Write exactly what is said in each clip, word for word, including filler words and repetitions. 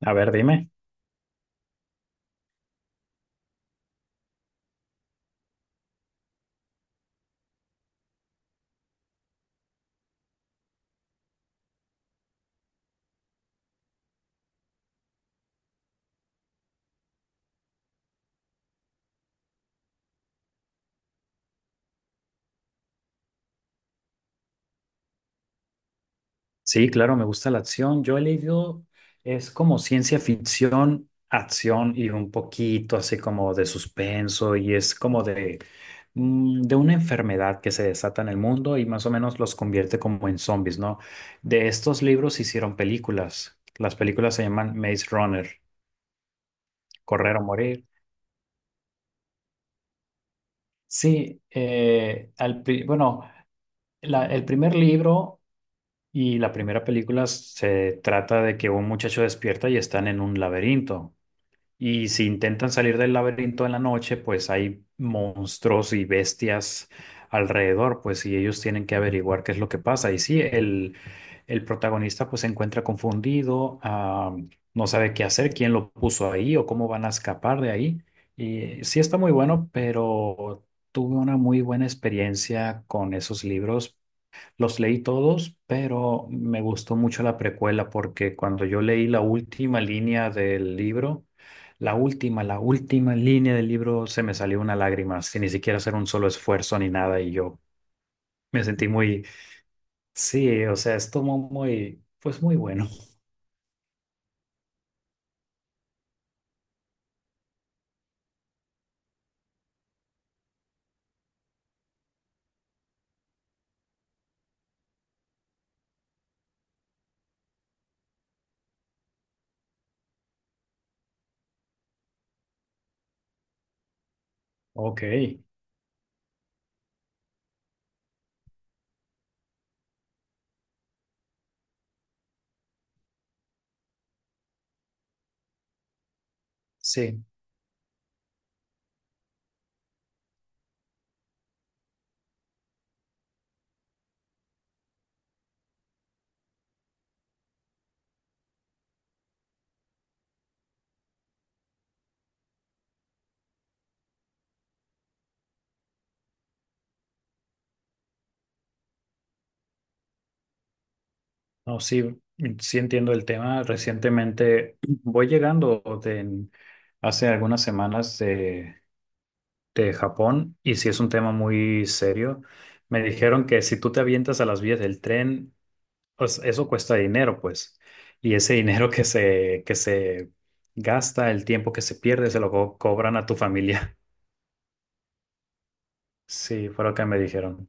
A ver, dime. Sí, claro, me gusta la acción. Yo he leído, es como ciencia ficción, acción y un poquito así como de suspenso y es como de, mm, de una enfermedad que se desata en el mundo y más o menos los convierte como en zombies, ¿no? De estos libros se hicieron películas. Las películas se llaman Maze Runner, Correr o Morir. Sí, eh, al pri- bueno, la- el primer libro. Y la primera película se trata de que un muchacho despierta y están en un laberinto. Y si intentan salir del laberinto en la noche, pues hay monstruos y bestias alrededor, pues y ellos tienen que averiguar qué es lo que pasa. Y sí, el, el protagonista pues se encuentra confundido, ah, no sabe qué hacer, quién lo puso ahí o cómo van a escapar de ahí. Y sí está muy bueno, pero tuve una muy buena experiencia con esos libros, los leí todos, pero me gustó mucho la precuela porque cuando yo leí la última línea del libro, la última, la última línea del libro se me salió una lágrima, sin ni siquiera hacer un solo esfuerzo ni nada y yo me sentí muy, sí, o sea, estuvo muy, pues muy bueno. Ok, sí, no, sí, sí entiendo el tema. Recientemente voy llegando de, hace algunas semanas de Japón y si es un tema muy serio. Me dijeron que si tú te avientas a las vías del tren, pues eso cuesta dinero, pues. Y ese dinero que se, que se gasta, el tiempo que se pierde, se lo co- cobran a tu familia. Sí, fue lo que me dijeron.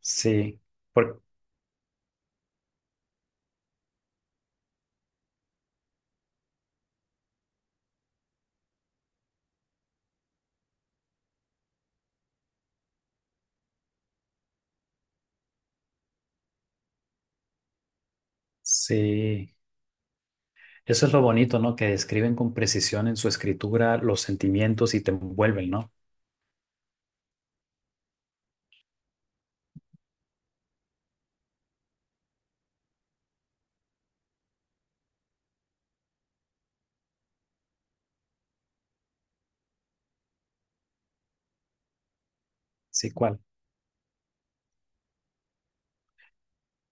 Sí, por- sí. Eso es lo bonito, ¿no? Que describen con precisión en su escritura los sentimientos y te envuelven, ¿no? Sí, ¿cuál?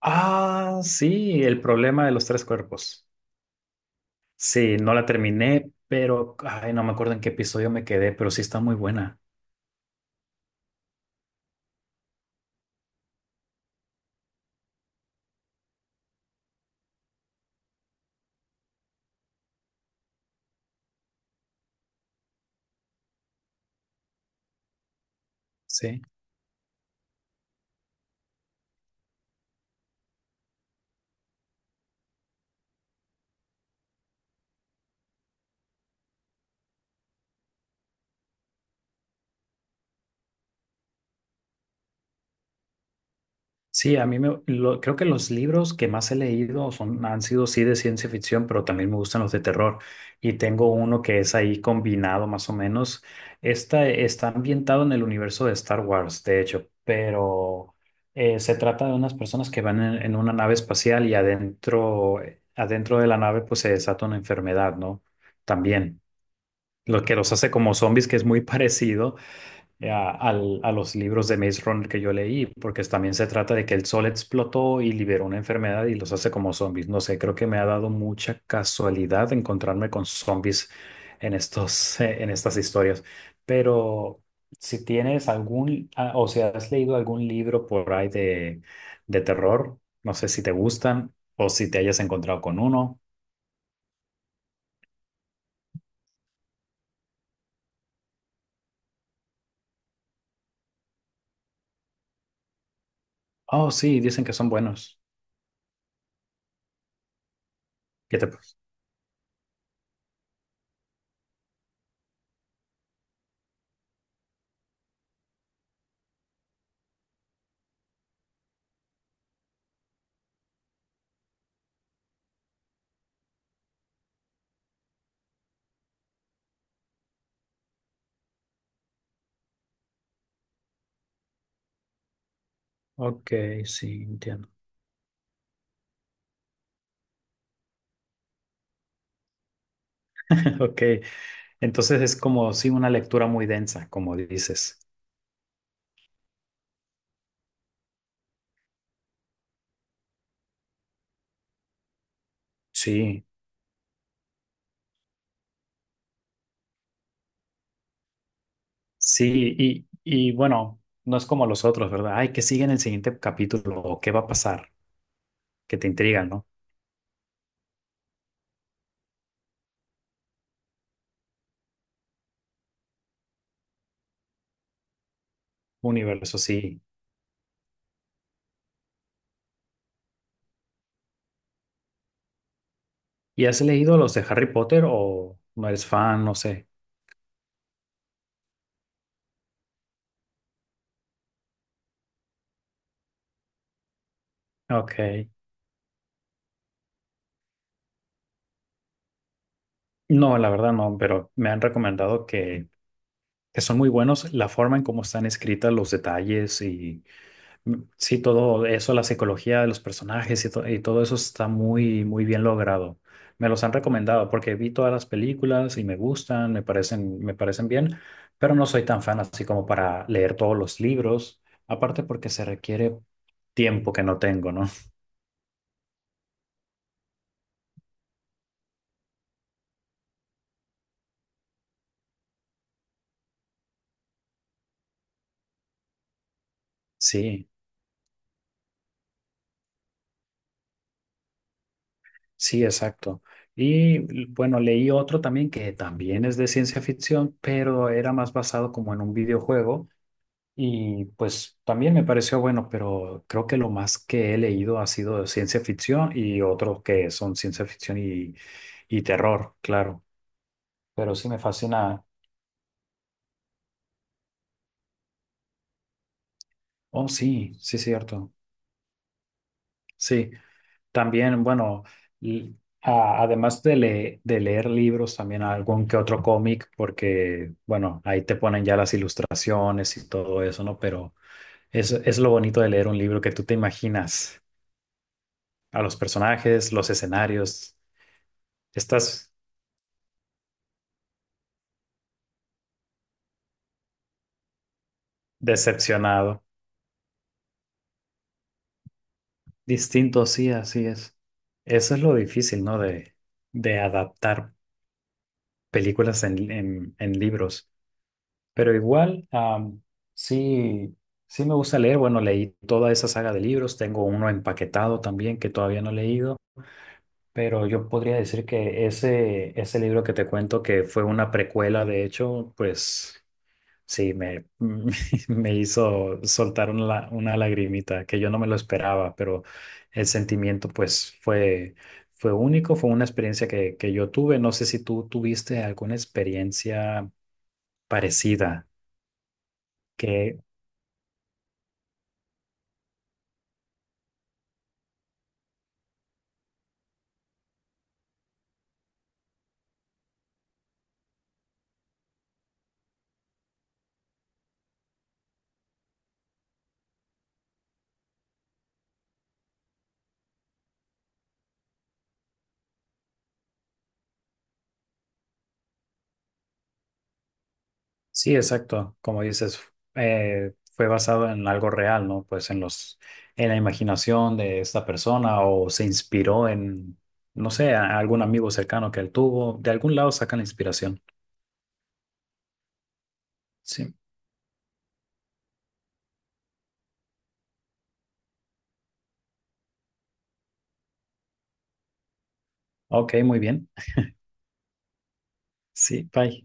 Ah, sí, el problema de los tres cuerpos. Sí, no la terminé, pero ay, no me acuerdo en qué episodio me quedé, pero sí está muy buena. Sí, sí, a mí me lo- creo que los libros que más he leído son, han sido sí de ciencia ficción, pero también me gustan los de terror. Y tengo uno que es ahí combinado más o menos. Esta está ambientado en el universo de Star Wars, de hecho, pero eh, se trata de unas personas que van en, en una nave espacial y adentro, adentro de la nave pues se desata una enfermedad, ¿no? También. Lo que los hace como zombies, que es muy parecido eh, a, al- a los libros de Maze Runner que yo leí, porque también se trata de que el sol explotó y liberó una enfermedad y los hace como zombies. No sé, creo que me ha dado mucha casualidad encontrarme con zombies en estos, eh, en estas historias. Pero si tienes algún, ah, o si has leído algún libro por ahí de, de terror, no sé si te gustan o si te hayas encontrado con uno. Oh, sí, dicen que son buenos. ¿Qué te... Ok, sí, entiendo. Ok, entonces es como sí una lectura muy densa, como dices. Sí, sí, y, y bueno, no es como los otros, ¿verdad? Ay, que sigue en el siguiente capítulo o qué va a pasar, que te intrigan, ¿no? Universo, sí. ¿Y has leído los de Harry Potter o no eres fan? No sé. Ok. No, la verdad no, pero me han recomendado que, que son muy buenos la forma en cómo están escritas los detalles y sí, todo eso, la psicología de los personajes y, to- y todo eso está muy, muy bien logrado. Me los han recomendado porque vi todas las películas y me gustan, me parecen, me parecen bien, pero no soy tan fan así como para leer todos los libros, aparte porque se requiere tiempo que no tengo, ¿no? Sí, sí, exacto. Y l- bueno, leí otro también que también es de ciencia ficción, pero era más basado como en un videojuego. Y pues también me pareció bueno, pero creo que lo más que he leído ha sido de ciencia ficción y otros que son ciencia ficción y, y terror, claro. Pero sí me fascina. Oh, sí, sí, cierto. Sí, también, bueno, l- a- además de, le- de leer libros, también algún que otro cómic, porque, bueno, ahí te ponen ya las ilustraciones y todo eso, ¿no? Pero es, es lo bonito de leer un libro que tú te imaginas a los personajes, los escenarios. Estás decepcionado. Distinto, sí, así es. Eso es lo difícil, ¿no? De, de adaptar películas en, en- en libros. Pero igual, am, sí, sí me gusta leer. Bueno, leí toda esa saga de libros. Tengo uno empaquetado también que todavía no he leído. Pero yo podría decir que ese, ese libro que te cuento, que fue una precuela, de hecho, pues sí, me, me hizo soltar una, una lagrimita que yo no me lo esperaba, pero el sentimiento pues fue, fue único, fue una experiencia que, que yo tuve. No sé si tú tuviste alguna experiencia parecida, que sí, exacto, como dices, eh, fue basado en algo real, ¿no? Pues en los, en la imaginación de esta persona o se inspiró en, no sé, a- a algún amigo cercano que él tuvo. De algún lado sacan la inspiración. Sí. Ok, muy bien. Sí, bye.